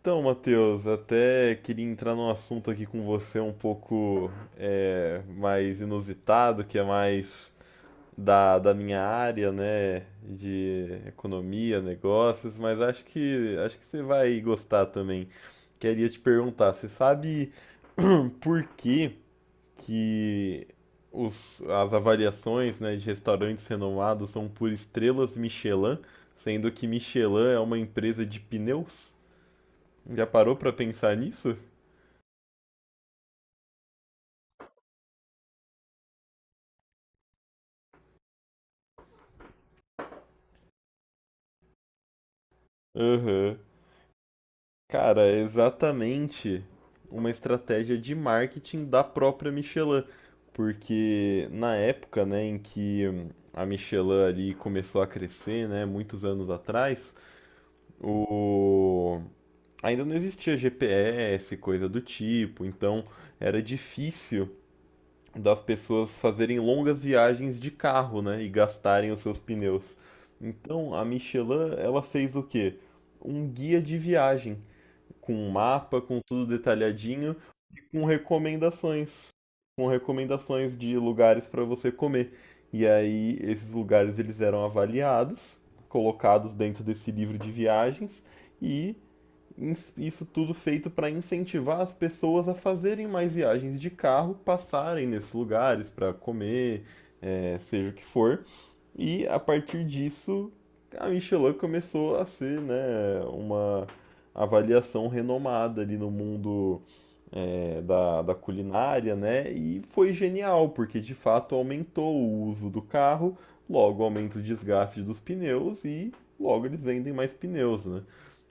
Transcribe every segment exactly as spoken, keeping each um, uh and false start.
Então, Matheus, até queria entrar num assunto aqui com você um pouco é, mais inusitado, que é mais da, da minha área, né, de economia, negócios, mas acho que acho que você vai gostar também. Queria te perguntar, você sabe por que que os, as avaliações, né, de restaurantes renomados são por estrelas Michelin, sendo que Michelin é uma empresa de pneus? Já parou pra pensar nisso? Aham. Cara, é exatamente uma estratégia de marketing da própria Michelin, porque na época, né, em que a Michelin ali começou a crescer, né, muitos anos atrás, o ainda não existia G P S, coisa do tipo, então era difícil das pessoas fazerem longas viagens de carro, né, e gastarem os seus pneus. Então, a Michelin, ela fez o quê? Um guia de viagem, com um mapa, com tudo detalhadinho, com recomendações, com recomendações de lugares para você comer. E aí, esses lugares eles eram avaliados, colocados dentro desse livro de viagens e isso tudo feito para incentivar as pessoas a fazerem mais viagens de carro, passarem nesses lugares para comer, é, seja o que for. E a partir disso, a Michelin começou a ser, né, uma avaliação renomada ali no mundo é, da, da culinária, né? E foi genial, porque de fato aumentou o uso do carro, logo aumenta o desgaste dos pneus e logo eles vendem mais pneus, né?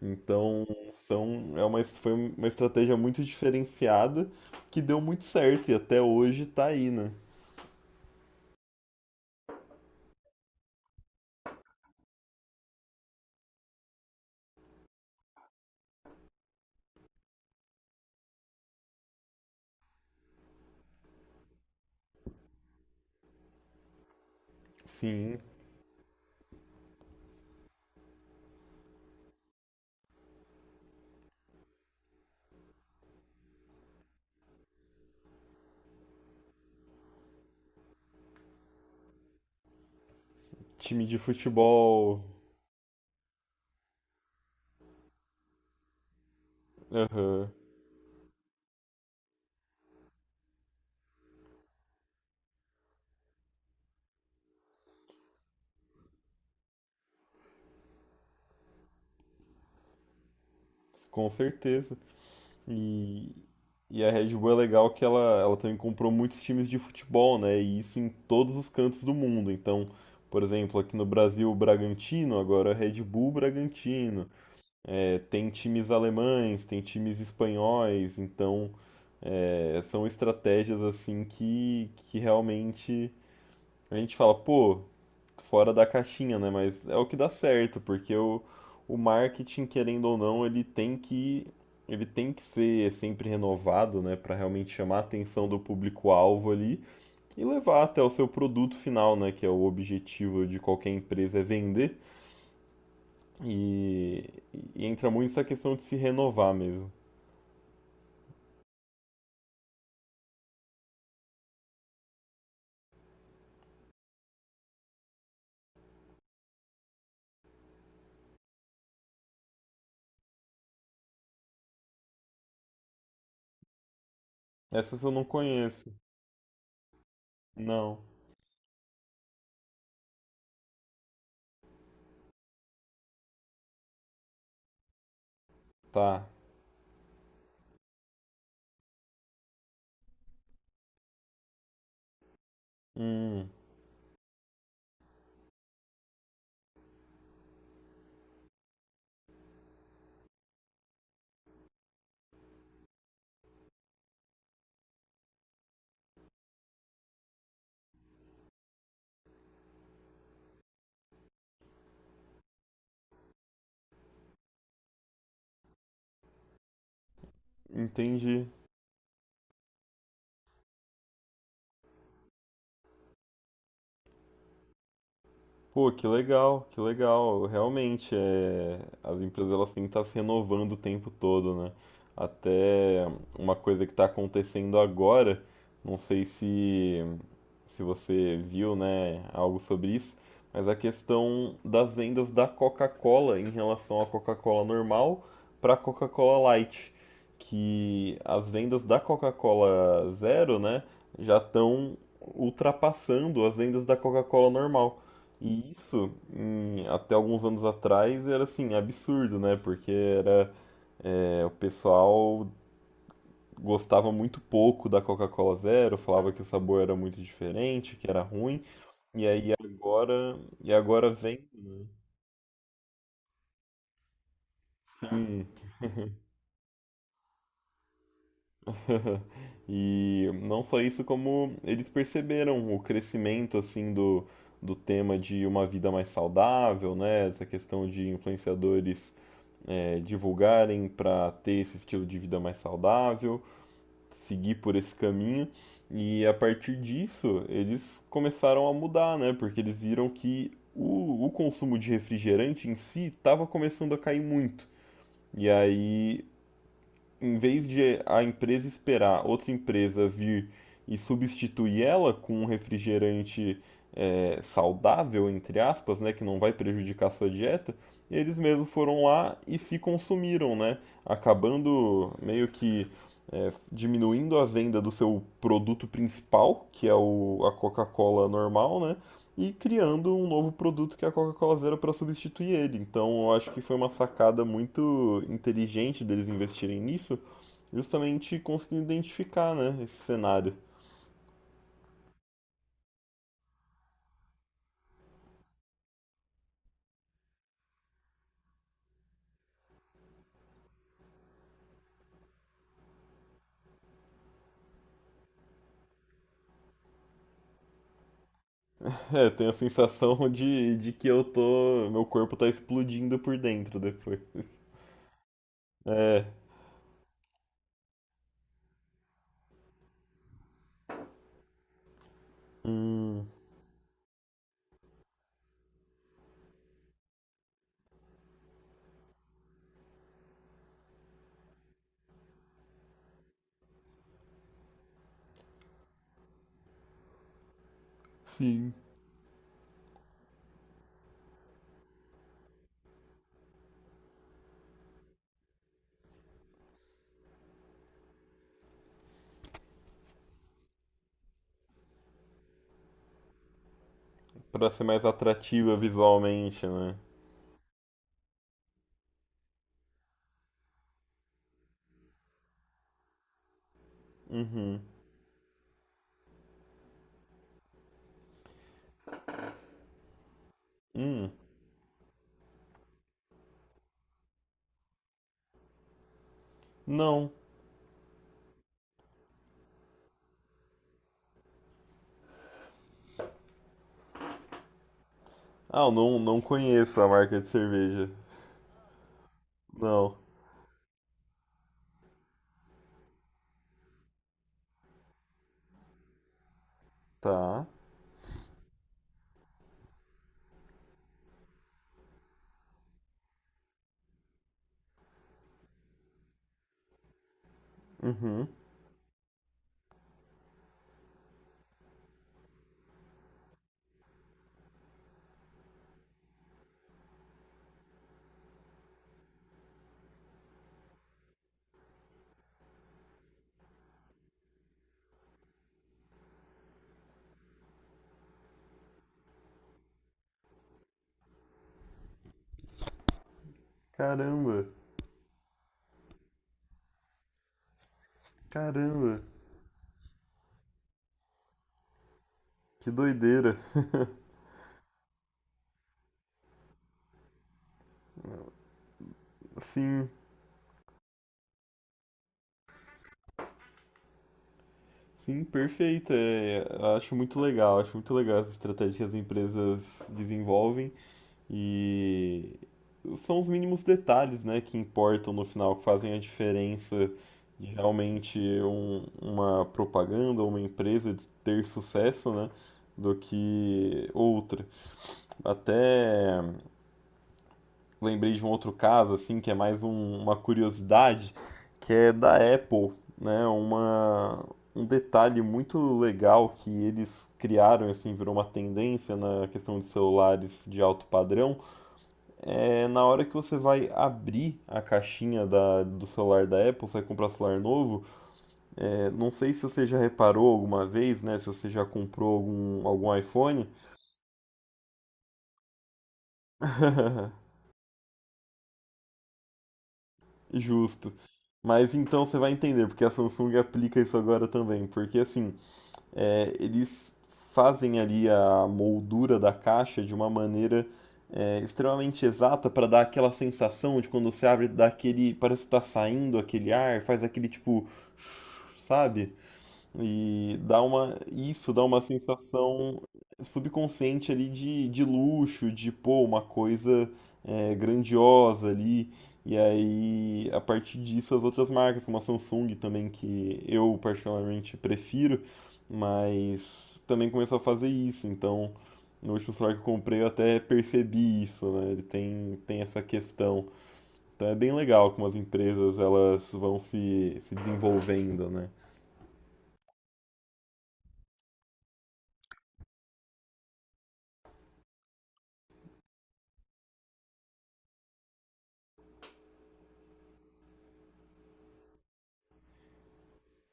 Então são, é uma, foi uma estratégia muito diferenciada que deu muito certo e até hoje tá aí, né? Sim, time de futebol, aham, com certeza. E, e a Red Bull é legal que ela, ela também comprou muitos times de futebol, né? E isso em todos os cantos do mundo. Então, por exemplo, aqui no Brasil, o Bragantino, agora é Red Bull Bragantino. É, tem times alemães, tem times espanhóis. Então, é, são estratégias assim que, que realmente a gente fala, pô, fora da caixinha, né? Mas é o que dá certo, porque o, o marketing, querendo ou não, ele tem que ele tem que ser sempre renovado, né, para realmente chamar a atenção do público-alvo ali e levar até o seu produto final, né, que é o objetivo de qualquer empresa é vender. E, e entra muito essa questão de se renovar mesmo. Essas eu não conheço. Não. Tá. Hum, entendi. Pô, que legal, que legal. Realmente, é, as empresas elas têm que estar se renovando o tempo todo, né? Até uma coisa que está acontecendo agora, não sei se, se você viu, né, algo sobre isso, mas a questão das vendas da Coca-Cola em relação à Coca-Cola normal para a Coca-Cola Light, que as vendas da Coca-Cola Zero, né, já estão ultrapassando as vendas da Coca-Cola normal. E isso, em- até alguns anos atrás, era assim, absurdo, né? Porque era, é, o pessoal gostava muito pouco da Coca-Cola Zero, falava que o sabor era muito diferente, que era ruim, e aí agora, e agora vem, né? Sim. E não só isso, como eles perceberam o crescimento assim do, do tema de uma vida mais saudável, né? Essa questão de influenciadores eh, divulgarem para ter esse estilo de vida mais saudável, seguir por esse caminho. E a partir disso, eles começaram a mudar, né? Porque eles viram que o, o consumo de refrigerante em si estava começando a cair muito. E aí em vez de a empresa esperar outra empresa vir e substituir ela com um refrigerante é, saudável, entre aspas, né, que não vai prejudicar a sua dieta, eles mesmos foram lá e se consumiram, né, acabando meio que é, diminuindo a venda do seu produto principal, que é o, a Coca-Cola normal, né, e criando um novo produto que é a Coca-Cola Zero para substituir ele. Então, eu acho que foi uma sacada muito inteligente deles investirem nisso, justamente conseguindo identificar, né, esse cenário. É, eu tenho a sensação de, de que eu tô, meu corpo tá explodindo por dentro depois. É, hum, sim, para ser mais atrativa visualmente, né? Uhum. Hum, não. Ah, eu não, não conheço a marca de cerveja. Não. Tá. Uhum. Caramba. Caramba, que doideira. Sim, sim, perfeito. É, acho muito legal, acho muito legal essa estratégia que as empresas desenvolvem e são os mínimos detalhes, né, que importam no final, que fazem a diferença de realmente um- uma propaganda ou uma empresa de ter sucesso, né, do que outra. Até lembrei de um outro caso, assim, que é mais um- uma curiosidade, que é da Apple, né? Uma, um detalhe muito legal que eles criaram, assim, virou uma tendência na questão de celulares de alto padrão, é na hora que você vai abrir a caixinha da, do celular da Apple, você vai comprar celular novo, é, não sei se você já reparou alguma vez, né? Se você já comprou algum, algum iPhone. Justo. Mas então você vai entender porque a Samsung aplica isso agora também, porque assim, é, eles fazem ali a moldura da caixa de uma maneira é, extremamente exata para dar aquela sensação de quando você abre, dá aquele, parece que tá saindo aquele ar, faz aquele tipo, sabe? E dá uma, isso dá uma sensação subconsciente ali de, de luxo, de pô, uma coisa é, grandiosa ali. E aí, a partir disso, as outras marcas, como a Samsung também, que eu particularmente prefiro, mas também começou a fazer isso. Então, no último celular que eu comprei, eu até percebi isso, né? Ele tem, tem essa questão. Então é bem legal como as empresas elas vão se, se desenvolvendo, né?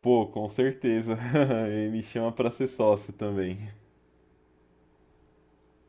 Pô, com certeza. Ele me chama pra ser sócio também.